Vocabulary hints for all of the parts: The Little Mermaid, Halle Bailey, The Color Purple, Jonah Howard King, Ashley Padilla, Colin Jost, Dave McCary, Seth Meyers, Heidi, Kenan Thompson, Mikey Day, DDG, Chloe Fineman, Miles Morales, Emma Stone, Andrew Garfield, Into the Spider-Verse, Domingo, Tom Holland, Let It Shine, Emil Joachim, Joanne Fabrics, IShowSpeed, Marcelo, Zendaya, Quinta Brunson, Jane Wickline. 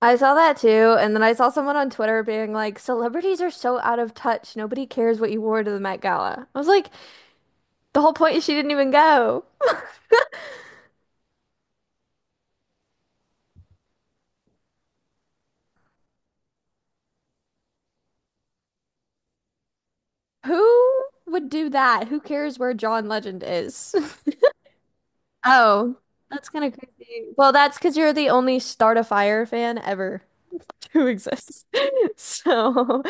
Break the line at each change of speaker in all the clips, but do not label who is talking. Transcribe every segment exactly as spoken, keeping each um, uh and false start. I saw that too, and then I saw someone on Twitter being like, "Celebrities are so out of touch. Nobody cares what you wore to the Met Gala." I was like, "The whole point is she didn't even go. Who would do that? Who cares where John Legend is?" Oh, that's kind of crazy. Well, that's because you're the only Start a Fire fan ever who exists. So,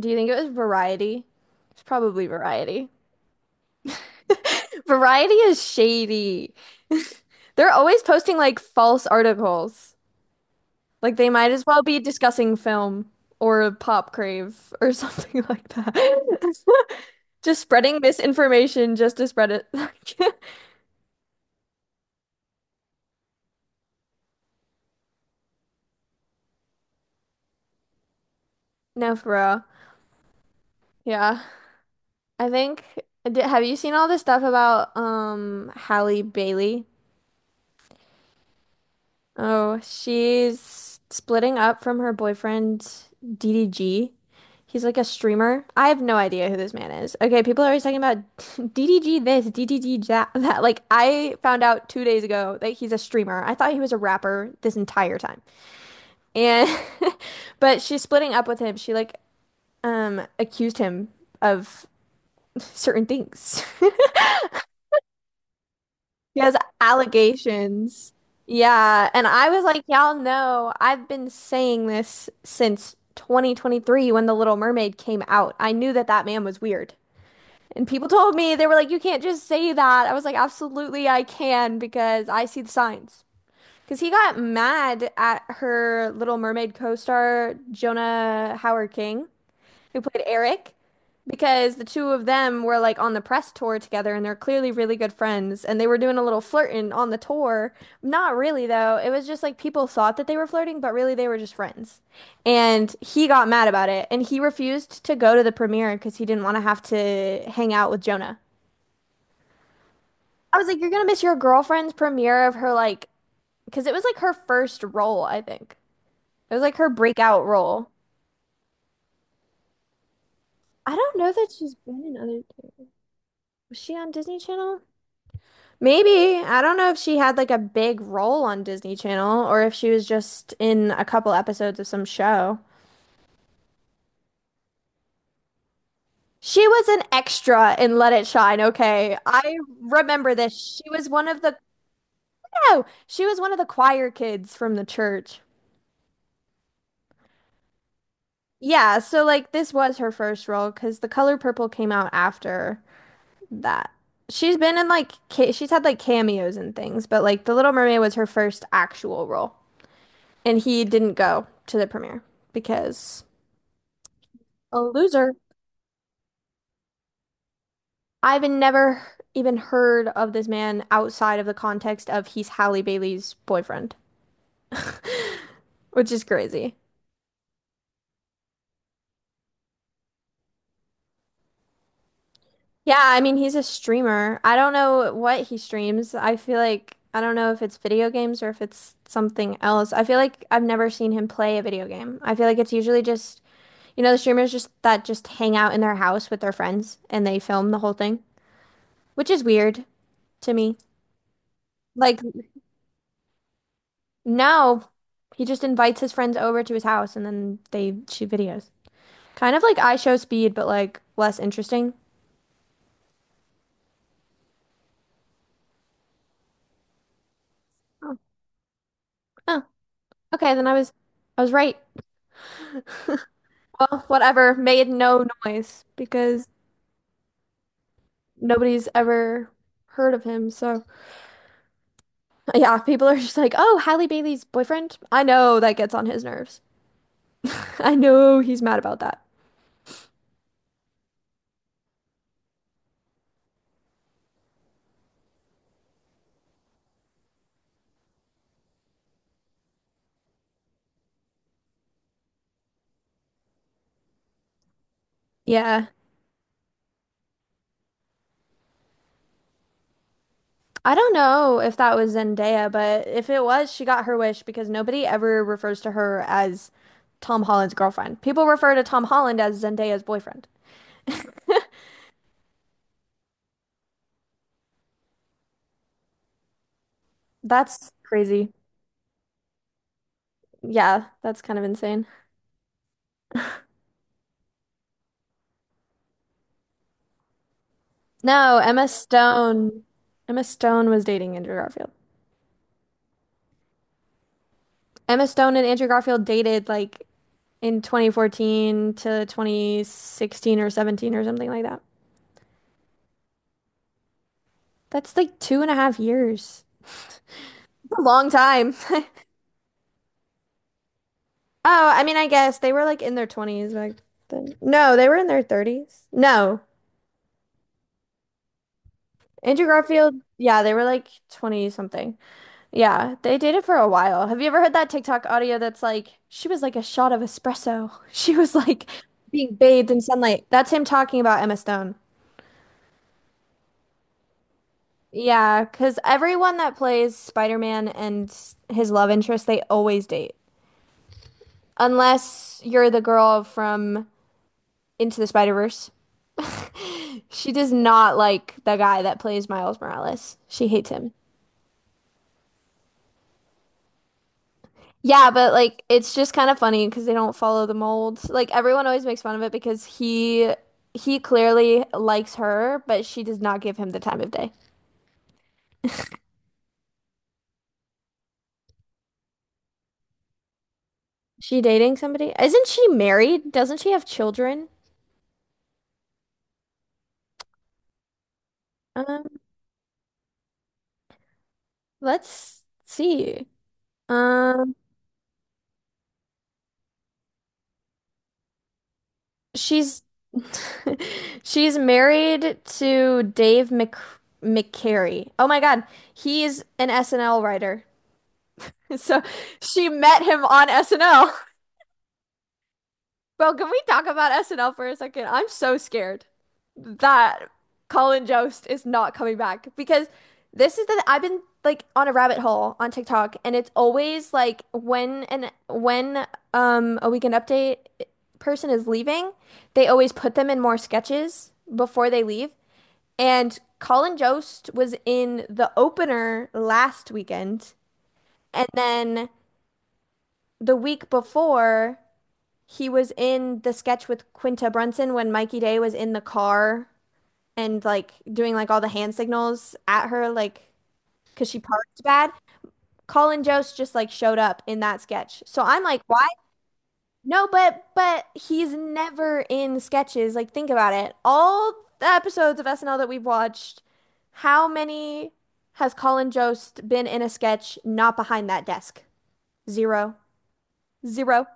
do you think it was Variety? It's probably Variety. Variety is shady. They're always posting like false articles. Like they might as well be discussing film or pop crave or something like that. Just spreading misinformation just to spread it. No, for real. Yeah. I think, di- have you seen all this stuff about um Halle Bailey? Oh, she's splitting up from her boyfriend D D G. He's like a streamer. I have no idea who this man is. Okay, people are always talking about D D G this, D D G that, that. Like, I found out two days ago that he's a streamer. I thought he was a rapper this entire time. And, but she's splitting up with him. She like um accused him of certain things. He has allegations. Yeah. And I was like, y'all know, I've been saying this since twenty twenty-three when The Little Mermaid came out. I knew that that man was weird. And people told me, they were like, you can't just say that. I was like, absolutely, I can because I see the signs. Because he got mad at her Little Mermaid co-star, Jonah Howard King who played Eric, because the two of them were like on the press tour together and they're clearly really good friends and they were doing a little flirting on the tour. Not really though. It was just like people thought that they were flirting, but really they were just friends. And he got mad about it and he refused to go to the premiere because he didn't want to have to hang out with Jonah. I was like, you're gonna miss your girlfriend's premiere of her like, because it was like her first role, I think. It was like her breakout role. I don't know that she's been in other. Things. Was she on Disney Channel? Maybe. I don't know if she had like a big role on Disney Channel or if she was just in a couple episodes of some show. She was an extra in Let It Shine, okay. I remember this. She was one of the No, she was one of the choir kids from the church. Yeah, so like this was her first role because The Color Purple came out after that. She's been in like ca she's had like cameos and things, but like The Little Mermaid was her first actual role. And he didn't go to the premiere because A loser. I've never even heard of this man outside of the context of he's Halle Bailey's boyfriend, which is crazy. Yeah, I mean, he's a streamer. I don't know what he streams. I feel like I don't know if it's video games or if it's something else. I feel like I've never seen him play a video game. I feel like it's usually just, you know, the streamers just that just hang out in their house with their friends and they film the whole thing, which is weird to me. Like No, he just invites his friends over to his house and then they shoot videos. Kind of like I Show Speed, but like less interesting. Oh, oh, okay, then I was I was right. Well, whatever, made no noise because nobody's ever heard of him. So yeah, people are just like, "Oh, Halle Bailey's boyfriend?" I know that gets on his nerves. I know he's mad about that. Yeah. I don't know if that was Zendaya, but if it was, she got her wish because nobody ever refers to her as Tom Holland's girlfriend. People refer to Tom Holland as Zendaya's boyfriend. That's crazy. Yeah, that's kind of insane. No, Emma Stone. Emma Stone was dating Andrew Garfield. Emma Stone and Andrew Garfield dated like in twenty fourteen to twenty sixteen or seventeen or something like that. That's like two and a half years. A long time. Oh, I mean, I guess they were like in their twenties back then. No, they were in their thirties. No. Andrew Garfield, yeah, they were like twenty something. Yeah, they dated for a while. Have you ever heard that TikTok audio that's like, she was like a shot of espresso? She was like being bathed in sunlight. That's him talking about Emma Stone. Yeah, because everyone that plays Spider-Man and his love interest, they always date. Unless you're the girl from Into the Spider-Verse. She does not like the guy that plays Miles Morales. She hates him. Yeah, but like it's just kind of funny because they don't follow the mold. Like everyone always makes fun of it because he he clearly likes her, but she does not give him the time of day. She dating somebody? Isn't she married? Doesn't she have children? Um, let's see. Um, She's she's married to Dave Mc McCary. Oh my God, he's an S N L writer. So she met him on S N L. Bro, can we talk about S N L for a second? I'm so scared that Colin Jost is not coming back because this is the I've been like on a rabbit hole on TikTok and it's always like when and when um a weekend update person is leaving, they always put them in more sketches before they leave. And Colin Jost was in the opener last weekend and then the week before he was in the sketch with Quinta Brunson when Mikey Day was in the car and like doing like all the hand signals at her, like because she parked bad. Colin Jost just like showed up in that sketch. So I'm like, why? No, but but he's never in sketches. Like think about it. All the episodes of S N L that we've watched, how many has Colin Jost been in a sketch not behind that desk? Zero. Zero.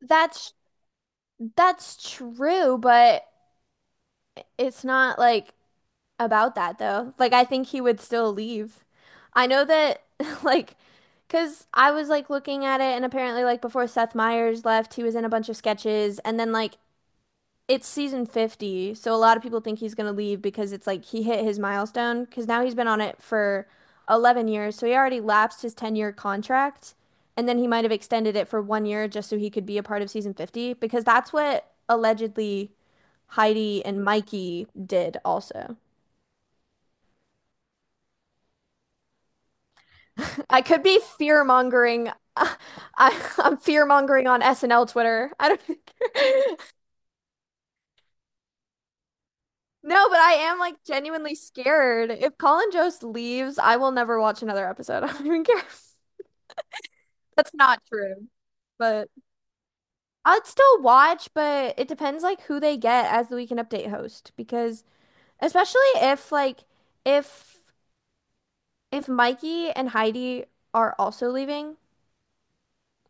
That's that's true, but it's not like about that though. Like I think he would still leave. I know that like because I was like looking at it and apparently like before Seth Meyers left, he was in a bunch of sketches and then like it's season fifty, so a lot of people think he's gonna leave because it's like he hit his milestone because now he's been on it for eleven years, so he already lapsed his ten-year contract and then he might have extended it for one year just so he could be a part of season fifty because that's what allegedly Heidi and Mikey did also. I could be fear mongering. I, I'm fear mongering on S N L Twitter. I don't think... No, but I am like genuinely scared. If Colin Jost leaves, I will never watch another episode. I don't even care. That's not true. But I'd still watch, but it depends like who they get as the Weekend Update host because especially if like if if Mikey and Heidi are also leaving,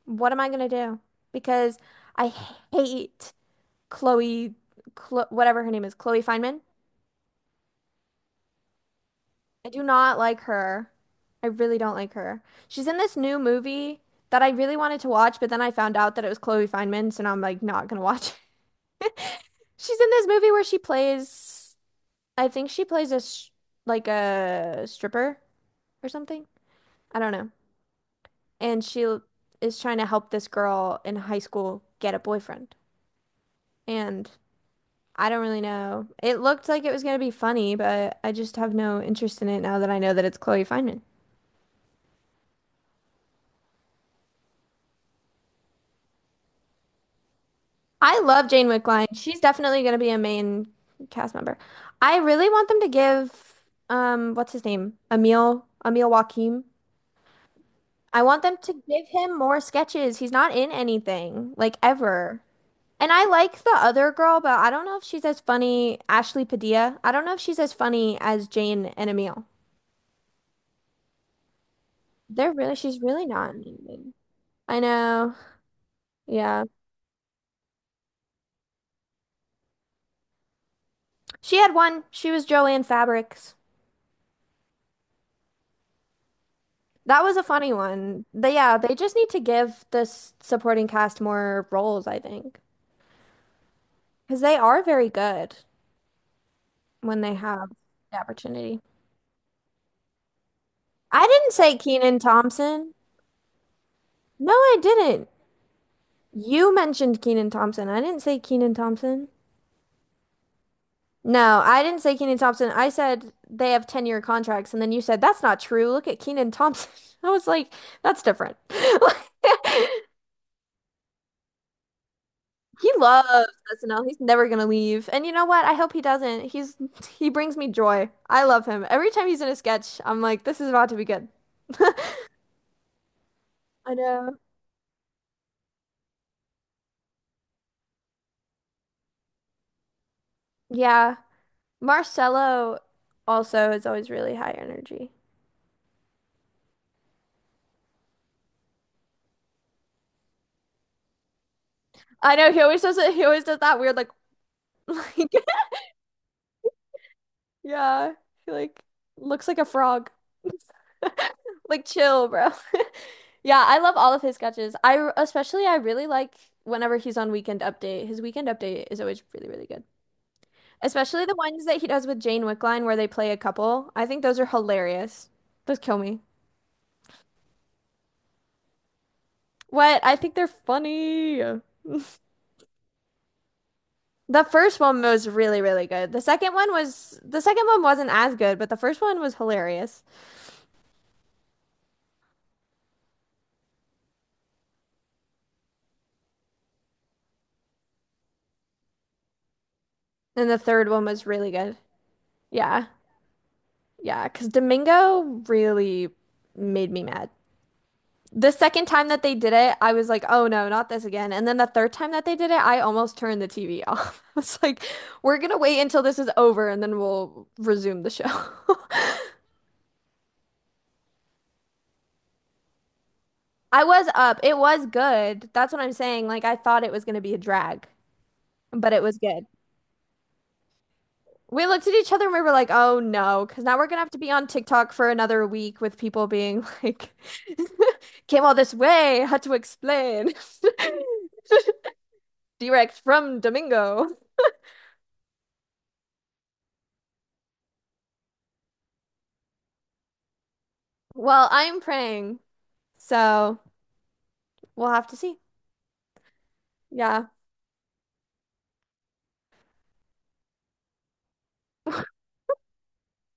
what am I gonna do? Because I hate Chloe, Chlo whatever her name is, Chloe Fineman. I do not like her. I really don't like her. She's in this new movie that I really wanted to watch, but then I found out that it was Chloe Fineman, so now I'm like not gonna watch it. She's in this movie where she plays, I think she plays a sh like a stripper or something. I don't know. And she l- is trying to help this girl in high school get a boyfriend. And I don't really know. It looked like it was going to be funny, but I just have no interest in it now that I know that it's Chloe Fineman. I love Jane Wickline. She's definitely going to be a main cast member. I really want them to give um what's his name? Emil Emil Joachim. I want them to give him more sketches. He's not in anything like ever. And I like the other girl, but I don't know if she's as funny, Ashley Padilla. I don't know if she's as funny as Jane and Emil. They're really, she's really not in anything. I know. Yeah. She had one. She was Joanne Fabrics. That was a funny one. They, yeah, they just need to give this supporting cast more roles, I think, because they are very good when they have the opportunity. I didn't say Keenan Thompson. No, I didn't. You mentioned Keenan Thompson. I didn't say Keenan Thompson. No, I didn't say Keenan Thompson. I said they have ten-year contracts, and then you said that's not true. Look at Keenan Thompson. I was like, that's different. He loves S N L. He's never gonna leave. And you know what? I hope he doesn't. He's he brings me joy. I love him. Every time he's in a sketch, I'm like, this is about to be good. I know. Yeah. Marcelo also is always really high energy. I know he always does it. He always does that weird like like yeah. He like looks like a frog. Like chill, bro. Yeah, I love all of his sketches. I especially I really like whenever he's on Weekend Update. His Weekend Update is always really, really good. Especially the ones that he does with Jane Wickline where they play a couple. I think those are hilarious. Those kill me. What? I think they're funny. The first one was really, really good. The second one was the second one wasn't as good, but the first one was hilarious. And the third one was really good. Yeah. Yeah, 'cause Domingo really made me mad. The second time that they did it, I was like, oh no, not this again. And then the third time that they did it, I almost turned the T V off. I was like, we're gonna wait until this is over and then we'll resume the show. I was up. It was good. That's what I'm saying. Like, I thought it was gonna be a drag, but it was good. We looked at each other and we were like, oh no, because now we're gonna have to be on TikTok for another week with people being like, came all this way, had to explain. Direct from Domingo. Well, I'm praying, so we'll have to see. Yeah.